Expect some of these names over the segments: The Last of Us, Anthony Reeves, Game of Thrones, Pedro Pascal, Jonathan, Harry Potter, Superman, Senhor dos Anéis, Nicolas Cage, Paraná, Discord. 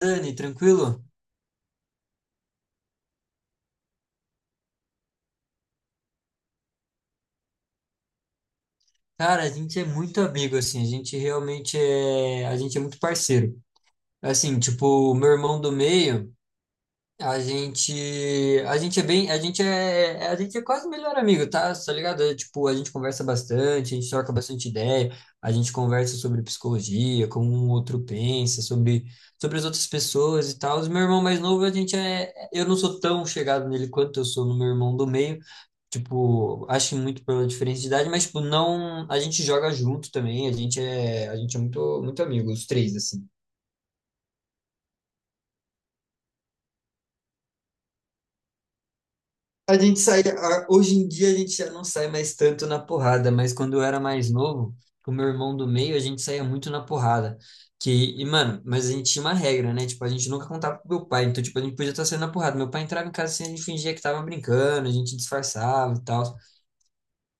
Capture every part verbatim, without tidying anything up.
Dani, tranquilo? Cara, a gente é muito amigo, assim, a gente realmente é, a gente é muito parceiro. Assim, tipo, o meu irmão do meio, a gente, a gente é bem, a gente é, a gente é quase melhor amigo, tá? Tá ligado? É, tipo, a gente conversa bastante, a gente troca bastante ideia, a gente conversa sobre psicologia, como um outro pensa, sobre, sobre as outras pessoas e tal. O meu irmão mais novo, a gente é, eu não sou tão chegado nele quanto eu sou no meu irmão do meio. Tipo, acho que muito pela diferença de idade, mas, tipo, não. A gente joga junto também, a gente é, a gente é muito, muito amigo, os três, assim. A gente sai. A- hoje em dia a gente já não sai mais tanto na porrada, mas quando eu era mais novo, com o meu irmão do meio, a gente saía muito na porrada. Que, e, Mano, mas a gente tinha uma regra, né? Tipo, a gente nunca contava pro meu pai, então, tipo, a gente podia estar saindo na porrada. Meu pai entrava em casa assim, a gente fingia que tava brincando, a gente disfarçava e tal.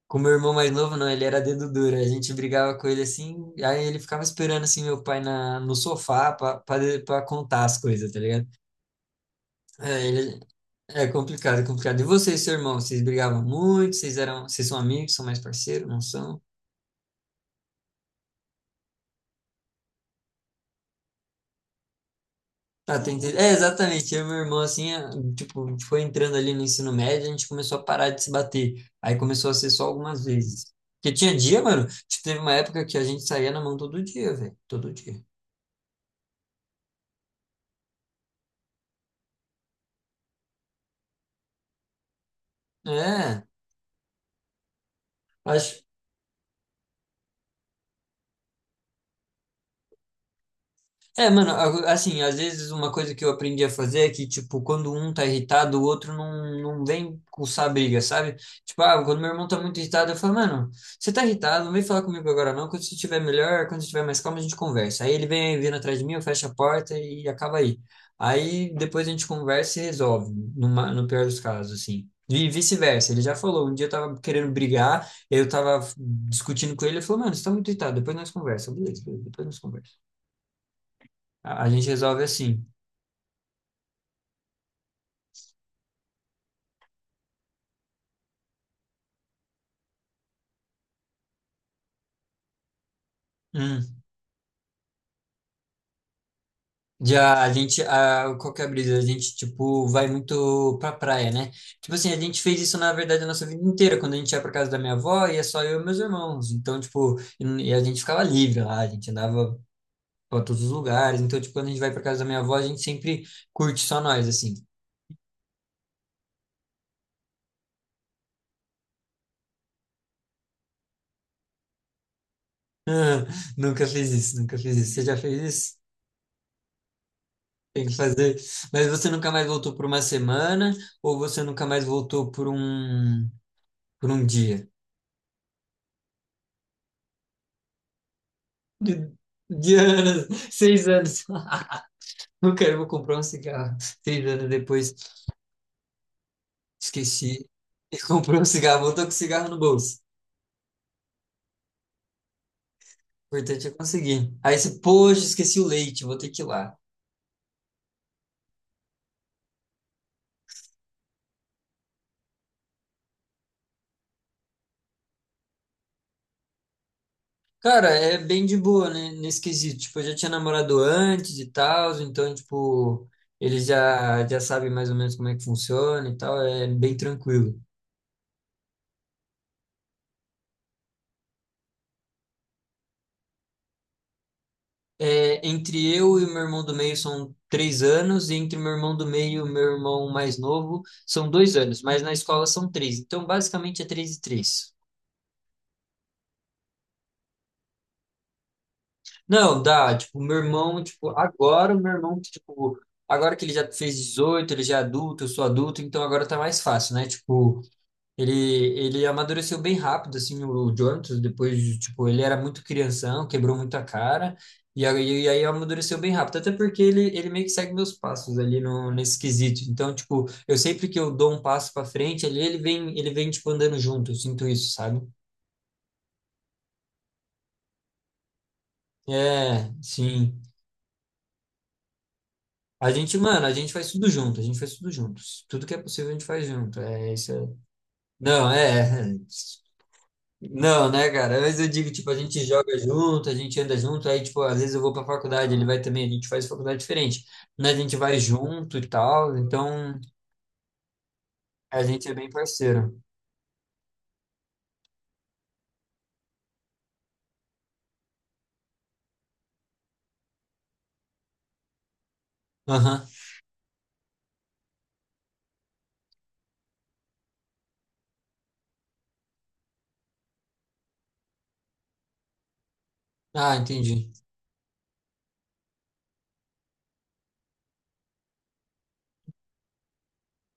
Com meu irmão mais novo, não, ele era dedo duro. A gente brigava com ele assim, aí ele ficava esperando assim meu pai na, no sofá para contar as coisas, tá ligado? É, ele- É complicado, é complicado. E vocês, seu irmão, vocês brigavam muito? Vocês eram, vocês são amigos, são mais parceiros, não são? Ah, tem, tem- é, exatamente. Eu e meu irmão, assim, é, tipo, foi entrando ali no ensino médio, a gente começou a parar de se bater. Aí começou a ser só algumas vezes. Porque tinha dia, mano, tipo, teve uma época que a gente saía na mão todo dia, velho. Todo dia. É. Acho, É, mano, a- assim, às vezes uma coisa que eu aprendi a fazer é que, tipo, quando um tá irritado, o outro não, não vem coçar a briga, sabe? Tipo, ah, quando meu irmão tá muito irritado, eu falo, mano, você tá irritado, não vem falar comigo agora não, quando você estiver melhor, quando você estiver mais calmo, a gente conversa. Aí ele vem vindo atrás de mim, eu fecho a porta e acaba aí. Aí depois a gente conversa e resolve, numa- no pior dos casos, assim. E vice-versa, ele já falou, um dia eu tava querendo brigar, eu tava discutindo com ele, ele falou, mano, você tá muito irritado, depois nós conversa, beleza, beleza, depois nós conversa. A a gente resolve assim. Hum. Já a gente, a, qual que é a brisa? A gente, tipo, vai muito pra praia, né? Tipo assim, a gente fez isso, na verdade, a nossa vida inteira. Quando a gente ia pra casa da minha avó, ia só eu e meus irmãos. Então, tipo, e, e a gente ficava livre lá, a gente andava pra todos os lugares. Então, tipo, quando a gente vai pra casa da minha avó, a gente sempre curte só nós, assim. Ah, nunca fiz isso, nunca fiz isso. Você já fez isso? Tem que fazer. Mas você nunca mais voltou por uma semana ou você nunca mais voltou por um, por um dia? De, de anos, seis anos. Nunca eu vou comprar um cigarro. Seis anos depois, esqueci. E comprei um cigarro, voltou com o cigarro no bolso. O importante é conseguir. Aí você, poxa, esqueci o leite, vou ter que ir lá. Cara, é bem de boa, né? Nesse quesito. Tipo, eu já tinha namorado antes e tal, então, tipo, eles já, já sabem mais ou menos como é que funciona e tal, é bem tranquilo. É, entre eu e o meu irmão do meio são três anos, e entre o meu irmão do meio e o meu irmão mais novo são dois anos, mas na escola são três. Então, basicamente, é três e três. Não, dá, tipo, meu irmão, tipo, agora o meu irmão, tipo, agora que ele já fez dezoito ele já é adulto, eu sou adulto, então agora tá mais fácil, né? Tipo, Ele, ele amadureceu bem rápido, assim, o Jonathan, depois, de, tipo, ele era muito crianção, quebrou muito a cara, e aí, e aí amadureceu bem rápido, até porque ele, ele meio que segue meus passos ali no, nesse quesito. Então, tipo, eu sempre que eu dou um passo para frente, ali ele vem, ele vem, tipo, andando junto, eu sinto isso, sabe? É, sim. A gente, mano, a gente faz tudo junto, a gente faz tudo juntos. Tudo que é possível a gente faz junto. É isso. é- Não, é. é, Não, né, cara? Às vezes eu digo, tipo, a gente joga junto, a gente anda junto, aí, tipo, às vezes eu vou pra faculdade, ele vai também, a gente faz faculdade diferente, né? A gente vai junto e tal, então a gente é bem parceiro. Aham. Ah, entendi.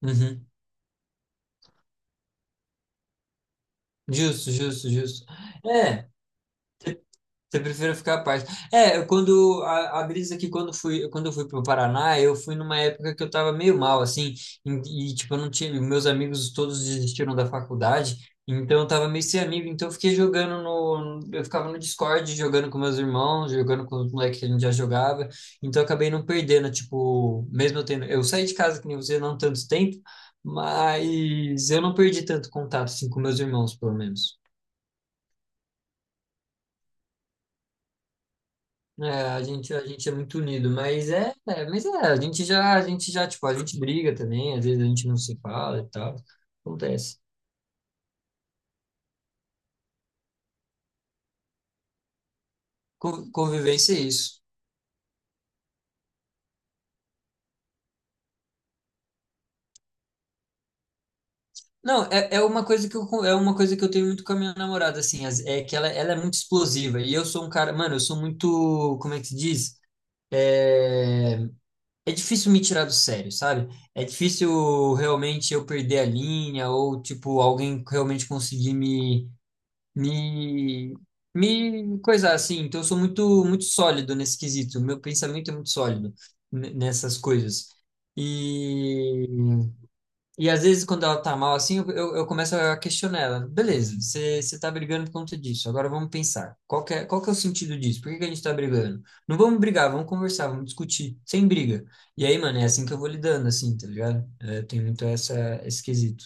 Uhum. Justo, justo, justo. É, você prefere ficar à paz. É, quando a, a brisa que quando fui, quando eu fui pro Paraná, eu fui numa época que eu tava meio mal assim, e, e, tipo, eu não tinha, meus amigos todos desistiram da faculdade, então eu tava meio sem amigo, então eu fiquei jogando no, eu ficava no Discord jogando com meus irmãos, jogando com os moleques que a gente já jogava, então eu acabei não perdendo, tipo, mesmo eu tendo, eu saí de casa que nem você não tanto tempo, mas eu não perdi tanto contato assim com meus irmãos, pelo menos. É, a gente, a gente é muito unido, mas é, é, mas é, a gente já, a gente já, tipo, a gente briga também, às vezes a gente não se fala e tal. Acontece. Con- Convivência é isso. Não, é, é uma coisa que eu, con- é uma coisa que eu tenho muito com a minha namorada, assim, as- é que ela, ela é muito explosiva e eu sou um cara, mano, eu sou muito, como é que se diz? É, é difícil me tirar do sério, sabe? É difícil realmente eu perder a linha ou, tipo, alguém realmente conseguir me me me coisar assim. Então eu sou muito muito sólido nesse quesito. Meu pensamento é muito sólido ne- nessas coisas. E e às vezes quando ela tá mal assim, eu, eu, eu começo a questionar ela. Beleza, você você tá brigando por conta disso. Agora vamos pensar. Qual que é, qual que é o sentido disso? Por que que a gente tá brigando? Não vamos brigar, vamos conversar, vamos discutir, sem briga. E aí, mano, é assim que eu vou lidando assim, tá ligado? É, tem muito essa esse quesito.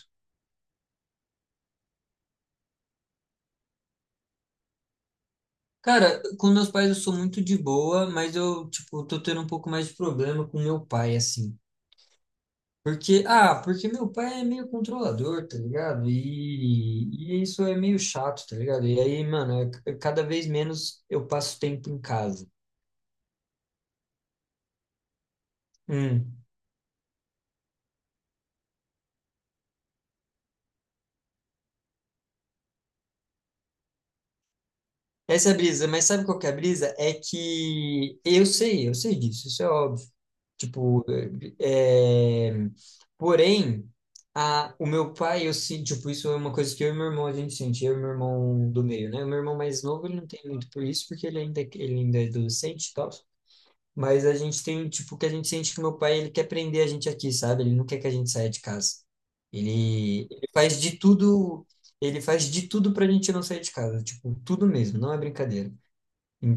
Cara, com meus pais eu sou muito de boa, mas eu, tipo, tô tendo um pouco mais de problema com meu pai, assim. Porque, ah, porque meu pai é meio controlador, tá ligado? E, e isso é meio chato, tá ligado? E aí, mano, é c- cada vez menos eu passo tempo em casa. Hum. Essa é a brisa, mas sabe qual que é a brisa? É que eu sei, eu sei disso, isso é óbvio. Tipo, é... porém, a, o meu pai, eu sinto, tipo, isso é uma coisa que eu e meu irmão a gente sente, eu e meu irmão do meio, né? O meu irmão mais novo, ele não tem muito por isso, porque ele ainda, ele ainda é adolescente e tal. Mas a gente tem, tipo, que a gente sente que meu pai, ele quer prender a gente aqui, sabe? Ele não quer que a gente saia de casa. Ele, ele faz de tudo, Ele faz de tudo pra gente não sair de casa, tipo, tudo mesmo, não é brincadeira.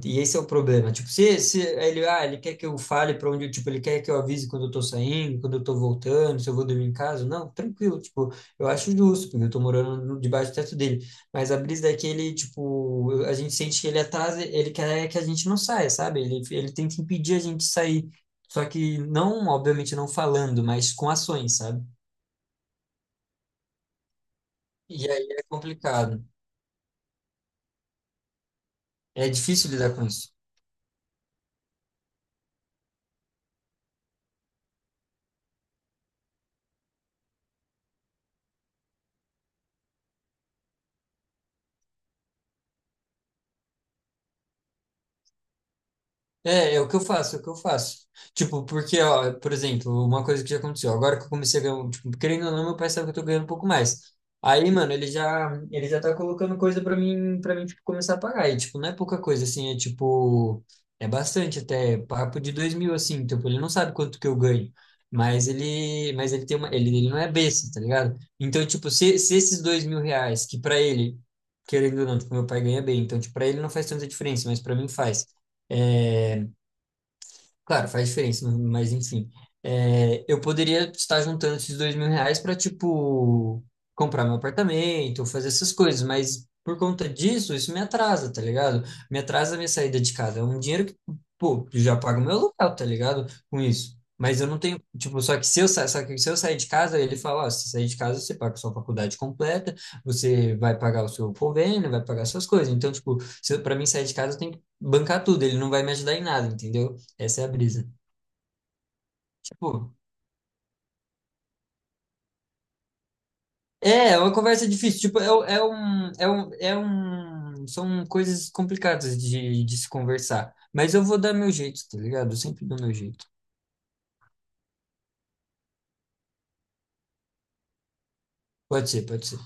E esse é o problema. Tipo, se, se ele, ah, ele quer que eu fale para onde, eu- tipo, ele quer que eu avise quando eu tô saindo, quando eu tô voltando, se eu vou dormir em casa, não, tranquilo, tipo, eu acho justo, porque eu tô morando no- debaixo do teto dele. Mas a brisa é que ele, tipo, eu- a gente sente que ele atrasa, ele quer que a gente não saia, sabe? Ele, ele tenta impedir a gente de sair. Só que não, obviamente, não falando, mas com ações, sabe? E aí é complicado. É difícil lidar com isso. É, é o que eu faço, é o que eu faço. Tipo, porque, ó, por exemplo, uma coisa que já aconteceu, agora que eu comecei a ganhar, tipo, querendo ou não, meu pai sabe que eu tô ganhando um pouco mais. Aí, mano, ele já, ele já tá colocando coisa pra mim, para mim, tipo, começar a pagar. E, tipo, não é pouca coisa, assim, é tipo, é bastante até, papo de dois mil, assim, tipo, ele não sabe quanto que eu ganho. Mas ele, mas ele tem uma, ele, ele não é besta, tá ligado? Então, tipo, se, se esses dois mil reais, que pra ele, querendo ou não, tipo, meu pai ganha bem, então, tipo, pra ele não faz tanta diferença, mas pra mim faz. Claro, faz diferença, mas enfim. É, eu poderia estar juntando esses dois mil reais para, tipo, comprar meu apartamento, fazer essas coisas, mas por conta disso, isso me atrasa, tá ligado? Me atrasa a minha saída de casa. É um dinheiro que, pô, eu já pago meu aluguel, tá ligado? Com isso. Mas eu não tenho, tipo, só que se eu, sa- só que se eu sair de casa, ele fala, ó, se sair de casa, você paga sua faculdade completa, você vai pagar o seu convênio, vai pagar suas coisas. Então, tipo, se, eu- pra mim sair de casa, eu tenho que bancar tudo, ele não vai me ajudar em nada, entendeu? Essa é a brisa. Tipo, é, é uma conversa difícil. Tipo, é, um- é um, é um, é um, são coisas complicadas de, de se conversar. Mas eu vou dar meu jeito, tá ligado? Eu sempre dou meu jeito. Pode ser, pode ser.